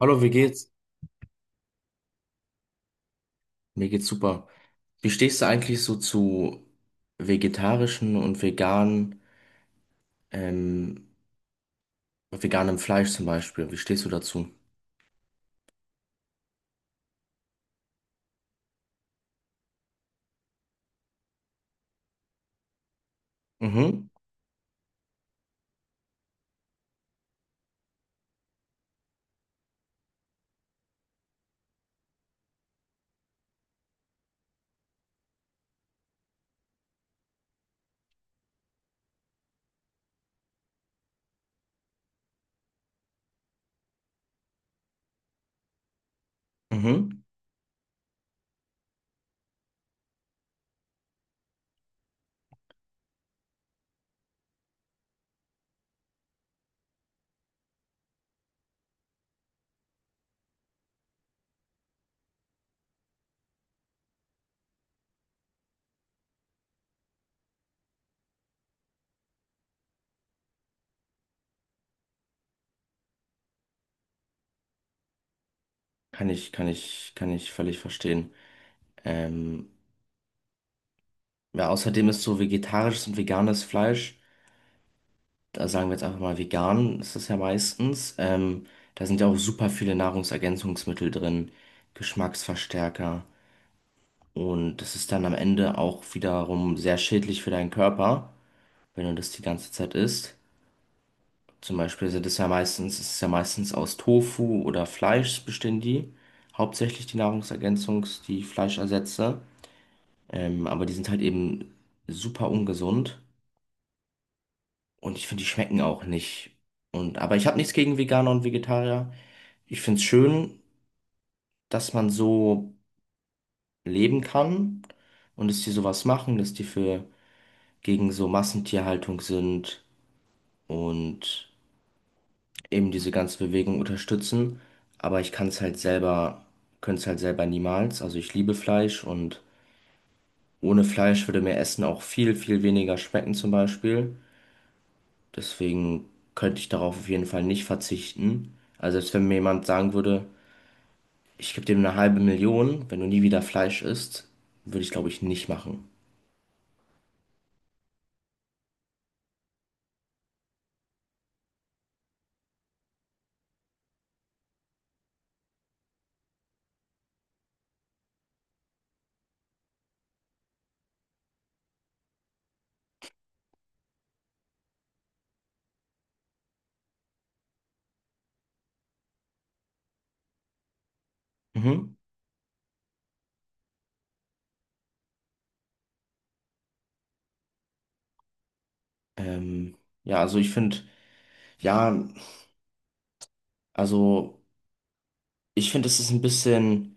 Hallo, wie geht's? Mir geht's super. Wie stehst du eigentlich so zu vegetarischen und ähm, veganem Fleisch zum Beispiel? Wie stehst du dazu? Mhm, mhm. Kann ich völlig verstehen. Ähm, ja, außerdem ist so vegetarisches und veganes Fleisch, da sagen wir jetzt einfach mal vegan, ist das ja meistens. Da sind ja auch super viele Nahrungsergänzungsmittel drin, Geschmacksverstärker und das ist dann am Ende auch wiederum sehr schädlich für deinen Körper, wenn du das die ganze Zeit isst. Zum Beispiel sind es ja meistens, es ist ja meistens aus Tofu oder Fleisch bestehen die. Hauptsächlich die die Fleischersätze. Aber die sind halt eben super ungesund. Und ich finde, die schmecken auch nicht. Und, aber ich habe nichts gegen Veganer und Vegetarier. Ich finde es schön, dass man so leben kann und dass die sowas machen, dass die für gegen so Massentierhaltung sind und eben diese ganze Bewegung unterstützen, aber ich kann es halt selber, könnte es halt selber niemals. Also ich liebe Fleisch und ohne Fleisch würde mir Essen auch viel, viel weniger schmecken zum Beispiel. Deswegen könnte ich darauf auf jeden Fall nicht verzichten. Also selbst wenn mir jemand sagen würde, ich gebe dir eine halbe Million, wenn du nie wieder Fleisch isst, würde ich glaube ich nicht machen. Mhm. Ähm, ja, also ich finde, ja, also ich finde, es ist ein bisschen.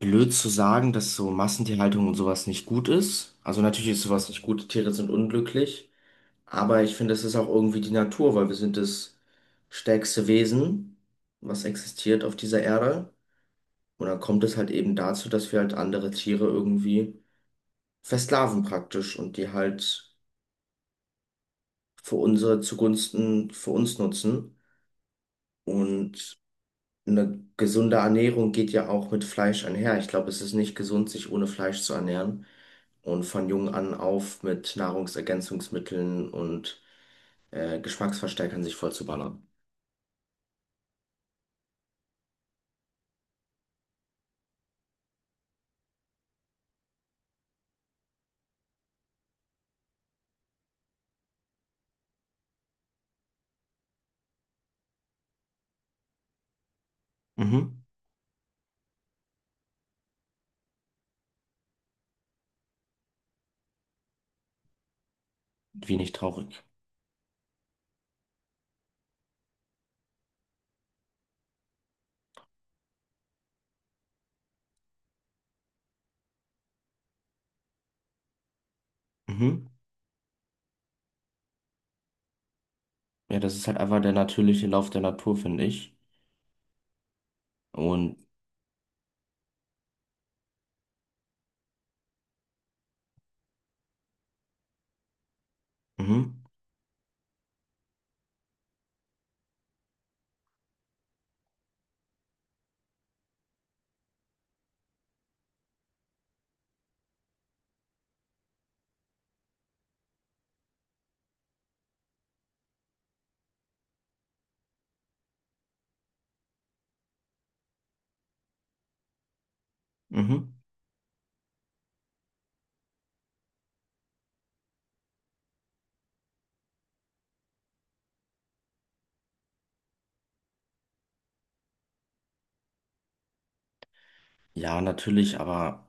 Blöd zu sagen, dass so Massentierhaltung und sowas nicht gut ist. Also natürlich ist sowas nicht gut, Tiere sind unglücklich, aber ich finde, es ist auch irgendwie die Natur, weil wir sind das stärkste Wesen, was existiert auf dieser Erde. Und dann kommt es halt eben dazu, dass wir halt andere Tiere irgendwie versklaven praktisch und die halt für unsere zugunsten für uns nutzen. Und eine gesunde Ernährung geht ja auch mit Fleisch einher. Ich glaube, es ist nicht gesund, sich ohne Fleisch zu ernähren. Und von jung an auf mit Nahrungsergänzungsmitteln und Geschmacksverstärkern sich voll zu ballern. Mhm. Wenig traurig. Mhm. Ja, das ist halt einfach der natürliche Lauf der Natur, finde ich. Und Mhm. Mhm. Ja, natürlich, aber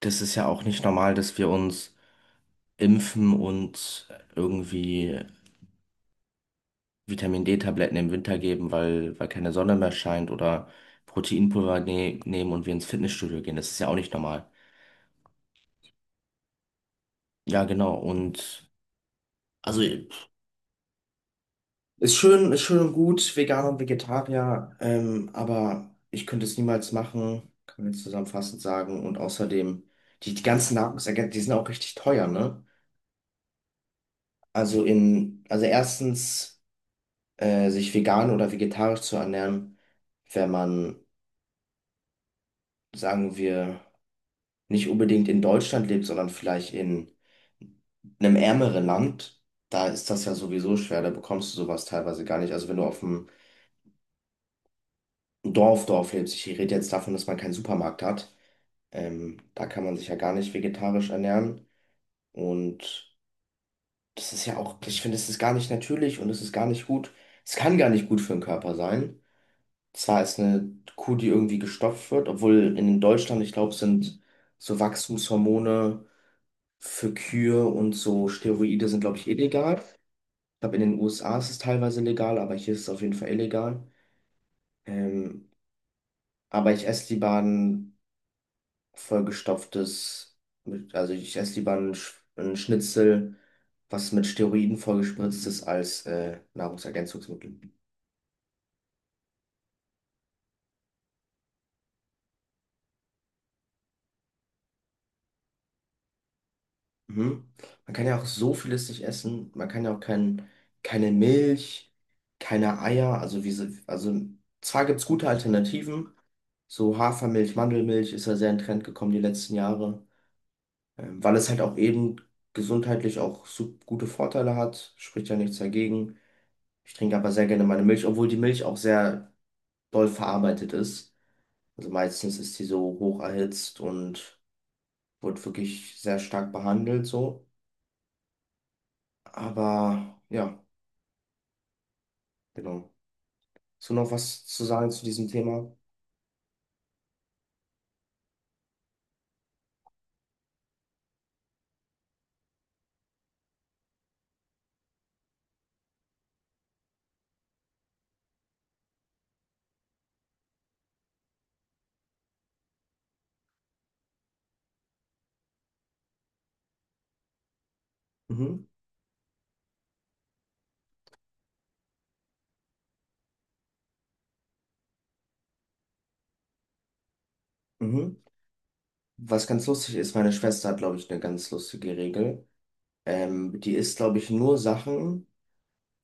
das ist ja auch nicht normal, dass wir uns impfen und irgendwie Vitamin D-Tabletten im Winter geben, weil, weil keine Sonne mehr scheint oder Proteinpulver ne nehmen und wir ins Fitnessstudio gehen. Das ist ja auch nicht normal. Ja, genau. Und also ist schön, ist schön und gut, Veganer und Vegetarier, aber ich könnte es niemals machen, kann man jetzt zusammenfassend sagen. Und außerdem, die, die ganzen Nahrungsergänzungen, die sind auch richtig teuer, ne? Also in, also erstens, sich vegan oder vegetarisch zu ernähren, wenn man, sagen wir, nicht unbedingt in Deutschland lebt, sondern vielleicht in einem ärmeren Land, da ist das ja sowieso schwer, da bekommst du sowas teilweise gar nicht. Also wenn du auf dem Dorf lebt. Ich rede jetzt davon, dass man keinen Supermarkt hat. Da kann man sich ja gar nicht vegetarisch ernähren. Und das ist ja auch, ich finde, es ist gar nicht natürlich und es ist gar nicht gut. Es kann gar nicht gut für den Körper sein. Zwar ist eine Kuh, die irgendwie gestopft wird, obwohl in Deutschland, ich glaube, sind so Wachstumshormone für Kühe und so Steroide sind, glaube ich, illegal. Ich glaube, in den USA ist es teilweise legal, aber hier ist es auf jeden Fall illegal. Ähm, aber ich esse lieber einen vollgestopftes, mit, also ich esse lieber ein, ein Schnitzel, was mit Steroiden vollgespritzt ist, als Nahrungsergänzungsmittel. Mhm. Man kann ja auch so vieles nicht essen. Man kann ja auch keine Milch, keine Eier. Also, wie, also zwar gibt es gute Alternativen. So Hafermilch, Mandelmilch ist ja sehr in Trend gekommen die letzten Jahre, weil es halt auch eben gesundheitlich auch so gute Vorteile hat. Spricht ja nichts dagegen. Ich trinke aber sehr gerne meine Milch, obwohl die Milch auch sehr doll verarbeitet ist. Also meistens ist die so hoch erhitzt und wird wirklich sehr stark behandelt so. Aber ja, genau. Hast du noch was zu sagen zu diesem Thema? Mhm, mhm. Was ganz lustig ist, meine Schwester hat, glaube ich, eine ganz lustige Regel. Die isst, glaube ich, nur Sachen,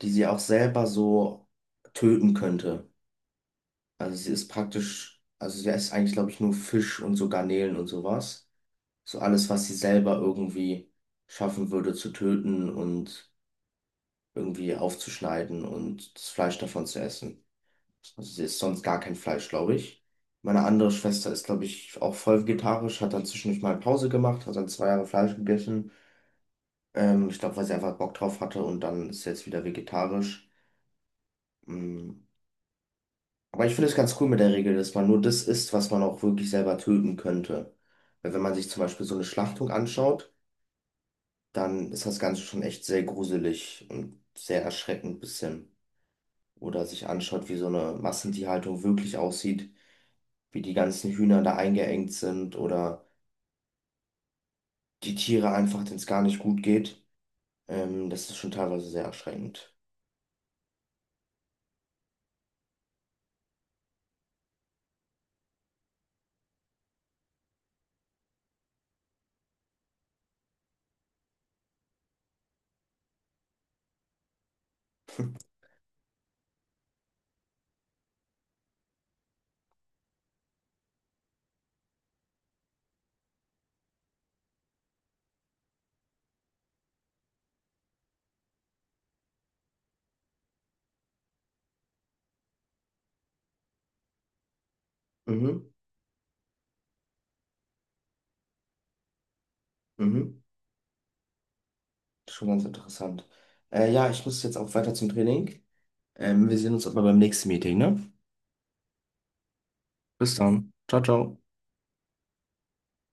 die sie auch selber so töten könnte. Also sie ist praktisch, also sie isst eigentlich, glaube ich, nur Fisch und so Garnelen und sowas. So alles, was sie selber irgendwie schaffen würde zu töten und irgendwie aufzuschneiden und das Fleisch davon zu essen. Also sie isst sonst gar kein Fleisch, glaube ich. Meine andere Schwester ist, glaube ich, auch voll vegetarisch, hat dann zwischendurch mal Pause gemacht, hat dann zwei Jahre Fleisch gegessen. Ich glaube, weil sie einfach Bock drauf hatte und dann ist sie jetzt wieder vegetarisch. Mm. Aber ich finde es ganz cool mit der Regel, dass man nur das isst, was man auch wirklich selber töten könnte. Weil wenn man sich zum Beispiel so eine Schlachtung anschaut, dann ist das Ganze schon echt sehr gruselig und sehr erschreckend ein bisschen. Oder sich anschaut, wie so eine Massentierhaltung wirklich aussieht, wie die ganzen Hühner da eingeengt sind oder die Tiere einfach, denen es gar nicht gut geht. Das ist schon teilweise sehr erschreckend. Mhm, mhm. Das ist schon ganz interessant. Ja, ich muss jetzt auch weiter zum Training. Wir sehen uns aber beim nächsten Meeting, ne? Bis dann. Ciao, ciao.